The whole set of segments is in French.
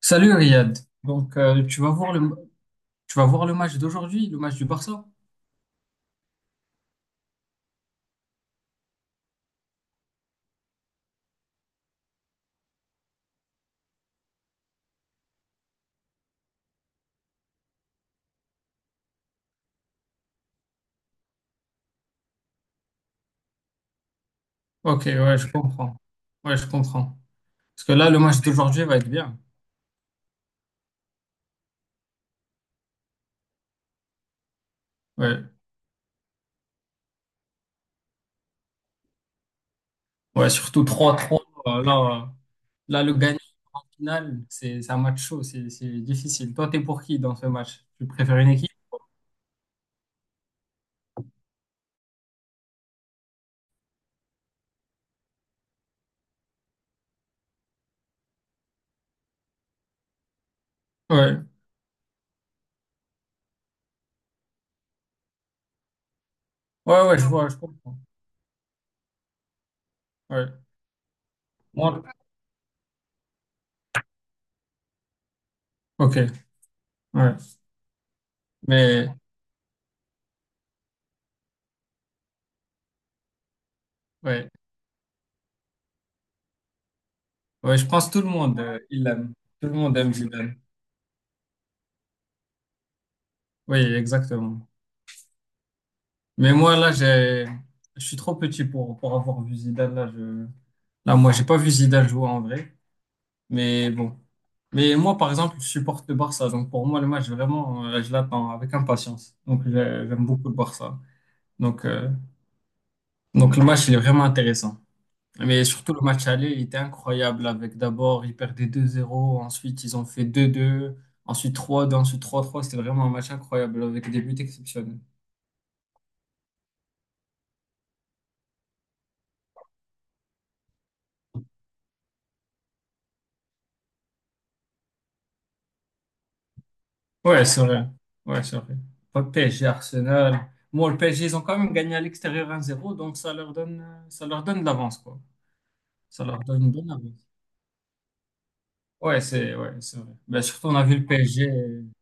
Salut Riyad. Donc tu vas voir le match d'aujourd'hui, le match du Barça? Ok, ouais, je comprends. Ouais, je comprends. Parce que là, le match d'aujourd'hui va être bien. Ouais. Ouais, surtout 3-3. euh, Là, euh, Là, le gagnant final, c'est un match chaud, c'est difficile. Toi, t'es pour qui dans ce match? Tu préfères une équipe? Ouais. Ouais, ouais, je vois, je comprends. Ouais. Moi- ok. Ouais. Mais ouais. Ouais, je pense que tout le monde, il l'aime. Tout le monde aime Zidane. Oui, exactement. Mais moi, là, j'ai, je suis trop petit pour, avoir vu Zidane. Là, moi, j'ai pas vu Zidane jouer en vrai. Mais bon. Mais moi, par exemple, je supporte le Barça. Donc, pour moi, le match, vraiment, je l'attends avec impatience. Donc, j'aime beaucoup le Barça. Donc, euh, donc, le match, il est vraiment intéressant. Mais surtout, le match aller, il était incroyable. Avec d'abord, ils perdaient 2-0. Ensuite, ils ont fait 2-2. Ensuite, trois 2. Ensuite, 3-3. C'était vraiment un match incroyable avec des buts exceptionnels. Ouais, c'est vrai. Ouais, c'est vrai. Pas PSG, Arsenal. Bon, le PSG, ils ont quand même gagné à l'extérieur 1-0, donc ça leur donne de l'avance, quoi. Ça leur donne une bonne avance. Ouais, c'est vrai. Ben, surtout, on a vu le PSG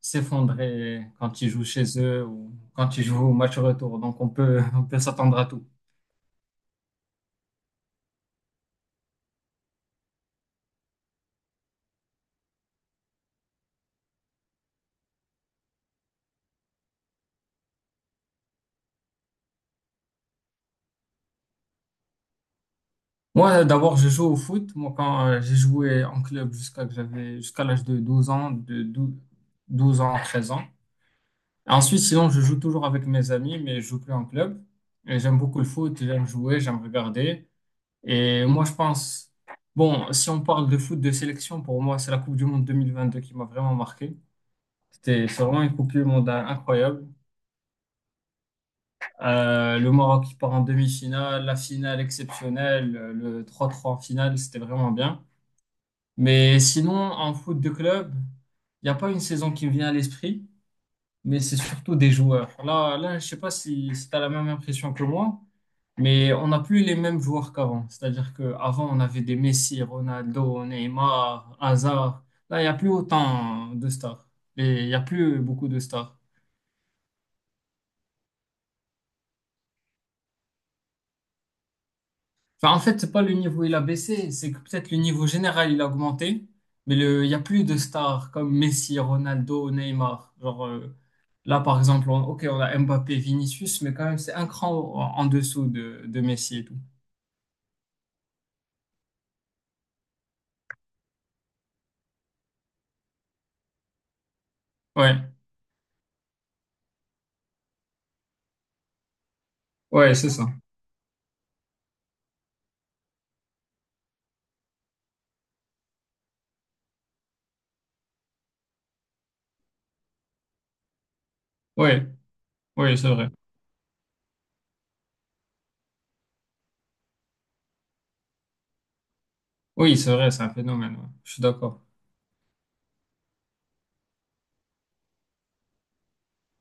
s'effondrer quand ils jouent chez eux ou quand ils jouent au match retour. Donc, on peut, on peut s'attendre à tout. Moi, d'abord, je joue au foot. Moi, quand J'ai joué en club jusqu'à que j'avais, jusqu'à l'âge de 12 ans, de dou 12 ans, 13 ans. Ensuite, sinon, je joue toujours avec mes amis, mais je joue plus en club. Et j'aime beaucoup le foot, j'aime jouer, j'aime regarder. Et moi, je pense, bon, si on parle de foot de sélection, pour moi, c'est la Coupe du Monde 2022 qui m'a vraiment marqué. C'est vraiment une Coupe du Monde incroyable. Le Maroc qui part en demi-finale, la finale exceptionnelle, le 3-3 en finale, c'était vraiment bien. Mais sinon, en foot de club, il n'y a pas une saison qui me vient à l'esprit, mais c'est surtout des joueurs. Là, je sais pas si tu as la même impression que moi, mais on n'a plus les mêmes joueurs qu'avant. C'est-à-dire qu'avant, on avait des Messi, Ronaldo, Neymar, Hazard. Là, il n'y a plus autant de stars. Et il n'y a plus beaucoup de stars. Enfin, en fait, c'est pas le niveau il a baissé, c'est que peut-être le niveau général il a augmenté, il n'y a plus de stars comme Messi, Ronaldo, Neymar. Genre, là, par exemple, ok, on a Mbappé, Vinicius, mais quand même, c'est un cran en dessous de Messi et tout. Ouais. Ouais, c'est ça. Ouais, oui, c'est vrai. Oui, c'est vrai, c'est un phénomène. Ouais. Je suis d'accord.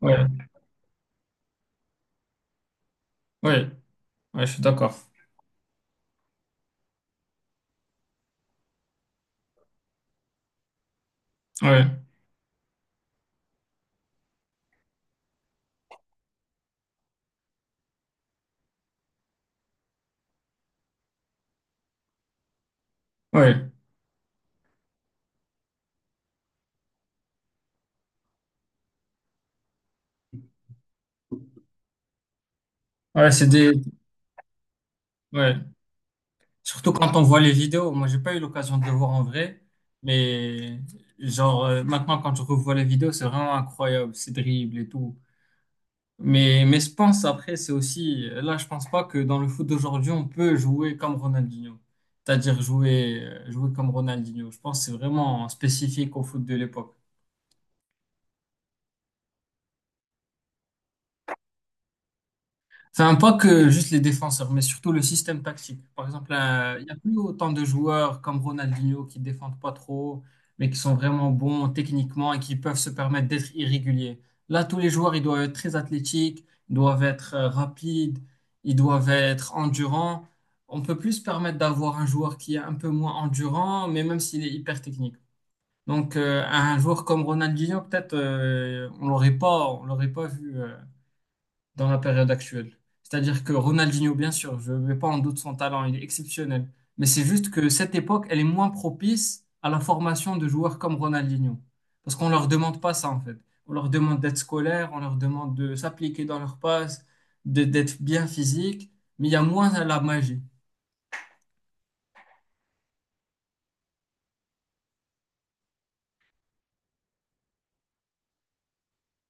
Ouais, ouais, ouais, je suis d'accord. Ouais, ouais, ouais, c'est des. Ouais. Surtout quand on voit les vidéos. Moi, j'ai pas eu l'occasion de le voir en vrai, mais maintenant quand je revois les vidéos, c'est vraiment incroyable, ces dribbles et tout. Mais je pense après, c'est aussi là, je pense pas que dans le foot d'aujourd'hui, on peut jouer comme Ronaldinho, c'est-à-dire jouer comme Ronaldinho. Je pense que c'est vraiment spécifique au foot de l'époque. Enfin, pas que juste les défenseurs, mais surtout le système tactique. Par exemple, il n'y a plus autant de joueurs comme Ronaldinho qui défendent pas trop, mais qui sont vraiment bons techniquement et qui peuvent se permettre d'être irréguliers. Là, tous les joueurs, ils doivent être très athlétiques, ils doivent être rapides, ils doivent être endurants. On peut plus se permettre d'avoir un joueur qui est un peu moins endurant, mais même s'il est hyper technique. Donc, un joueur comme Ronaldinho, peut-être, on l'aurait pas vu dans la période actuelle. C'est-à-dire que Ronaldinho, bien sûr, je ne mets pas en doute son talent, il est exceptionnel. Mais c'est juste que cette époque, elle est moins propice à la formation de joueurs comme Ronaldinho. Parce qu'on ne leur demande pas ça, en fait. On leur demande d'être scolaire, on leur demande de s'appliquer dans leurs passes, d'être bien physique, mais il y a moins la magie.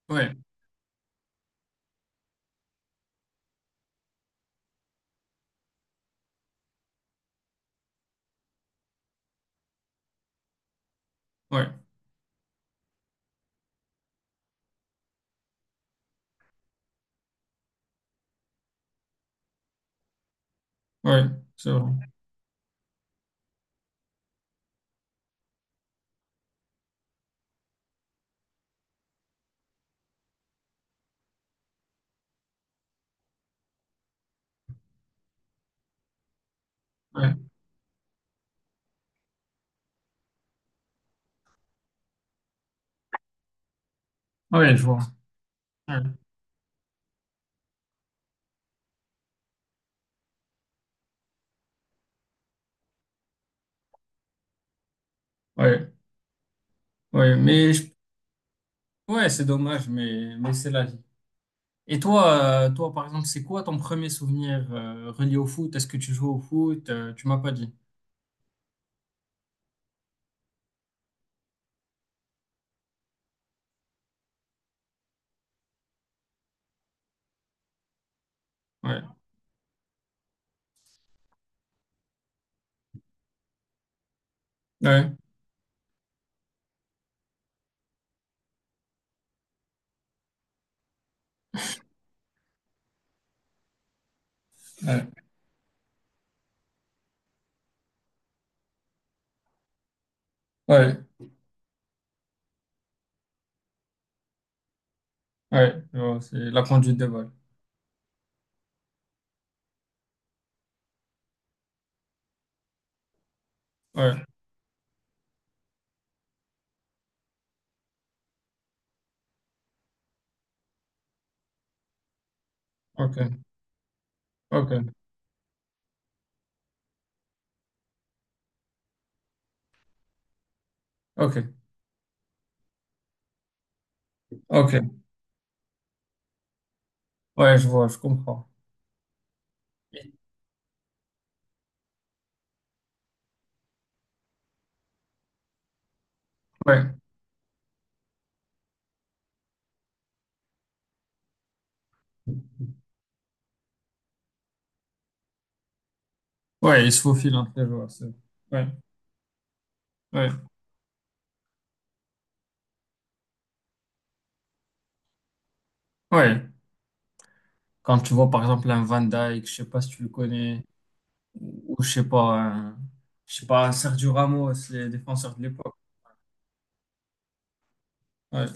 Ouais, ouais, ouais, c'est vrai. Ouais, ouais, je vois. Ouais, ouais, ouais, ouais, c'est dommage, mais c'est la vie. Et toi, toi, par exemple, c'est quoi ton premier souvenir relié au foot? Est-ce que tu joues au foot? Tu m'as pas dit. Ouais, ouais, ouais, ouais, ouais, je vois, c'est la conduite de balle. Ouais, ok, ok, ok, ok. Ouais, je vois, je comprends. Ouais, ouais, il se faufile entre les joueurs. Ouais, ouais, ouais. Quand tu vois, par exemple, un Van Dijk, je sais pas si tu le connais, ou je sais pas, un Sergio Ramos, les défenseurs de l'époque. Ouais.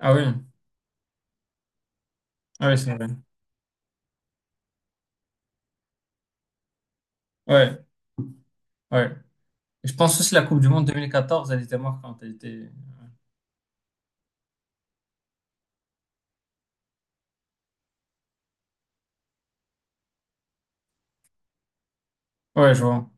Ah oui, ah oui, c'est vrai. Ouais, ouais. Je pense aussi la Coupe du Monde 2014, elle était marquante. Elle était… Ouais, je vois.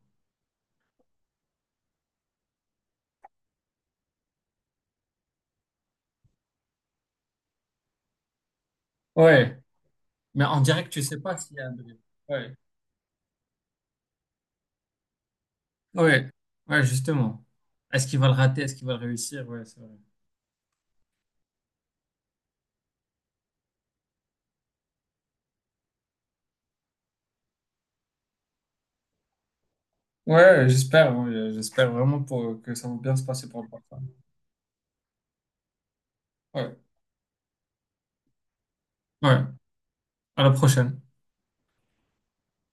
Ouais. Mais en direct, tu sais pas s'il y a un doublé. Ouais. Ouais. Ouais, justement. Est-ce qu'il va le rater? Est-ce qu'il va le réussir? Ouais, c'est vrai. Ouais, j'espère. Ouais, j'espère vraiment que ça va bien se passer pour le Barça. Ouais. Ouais. À la prochaine.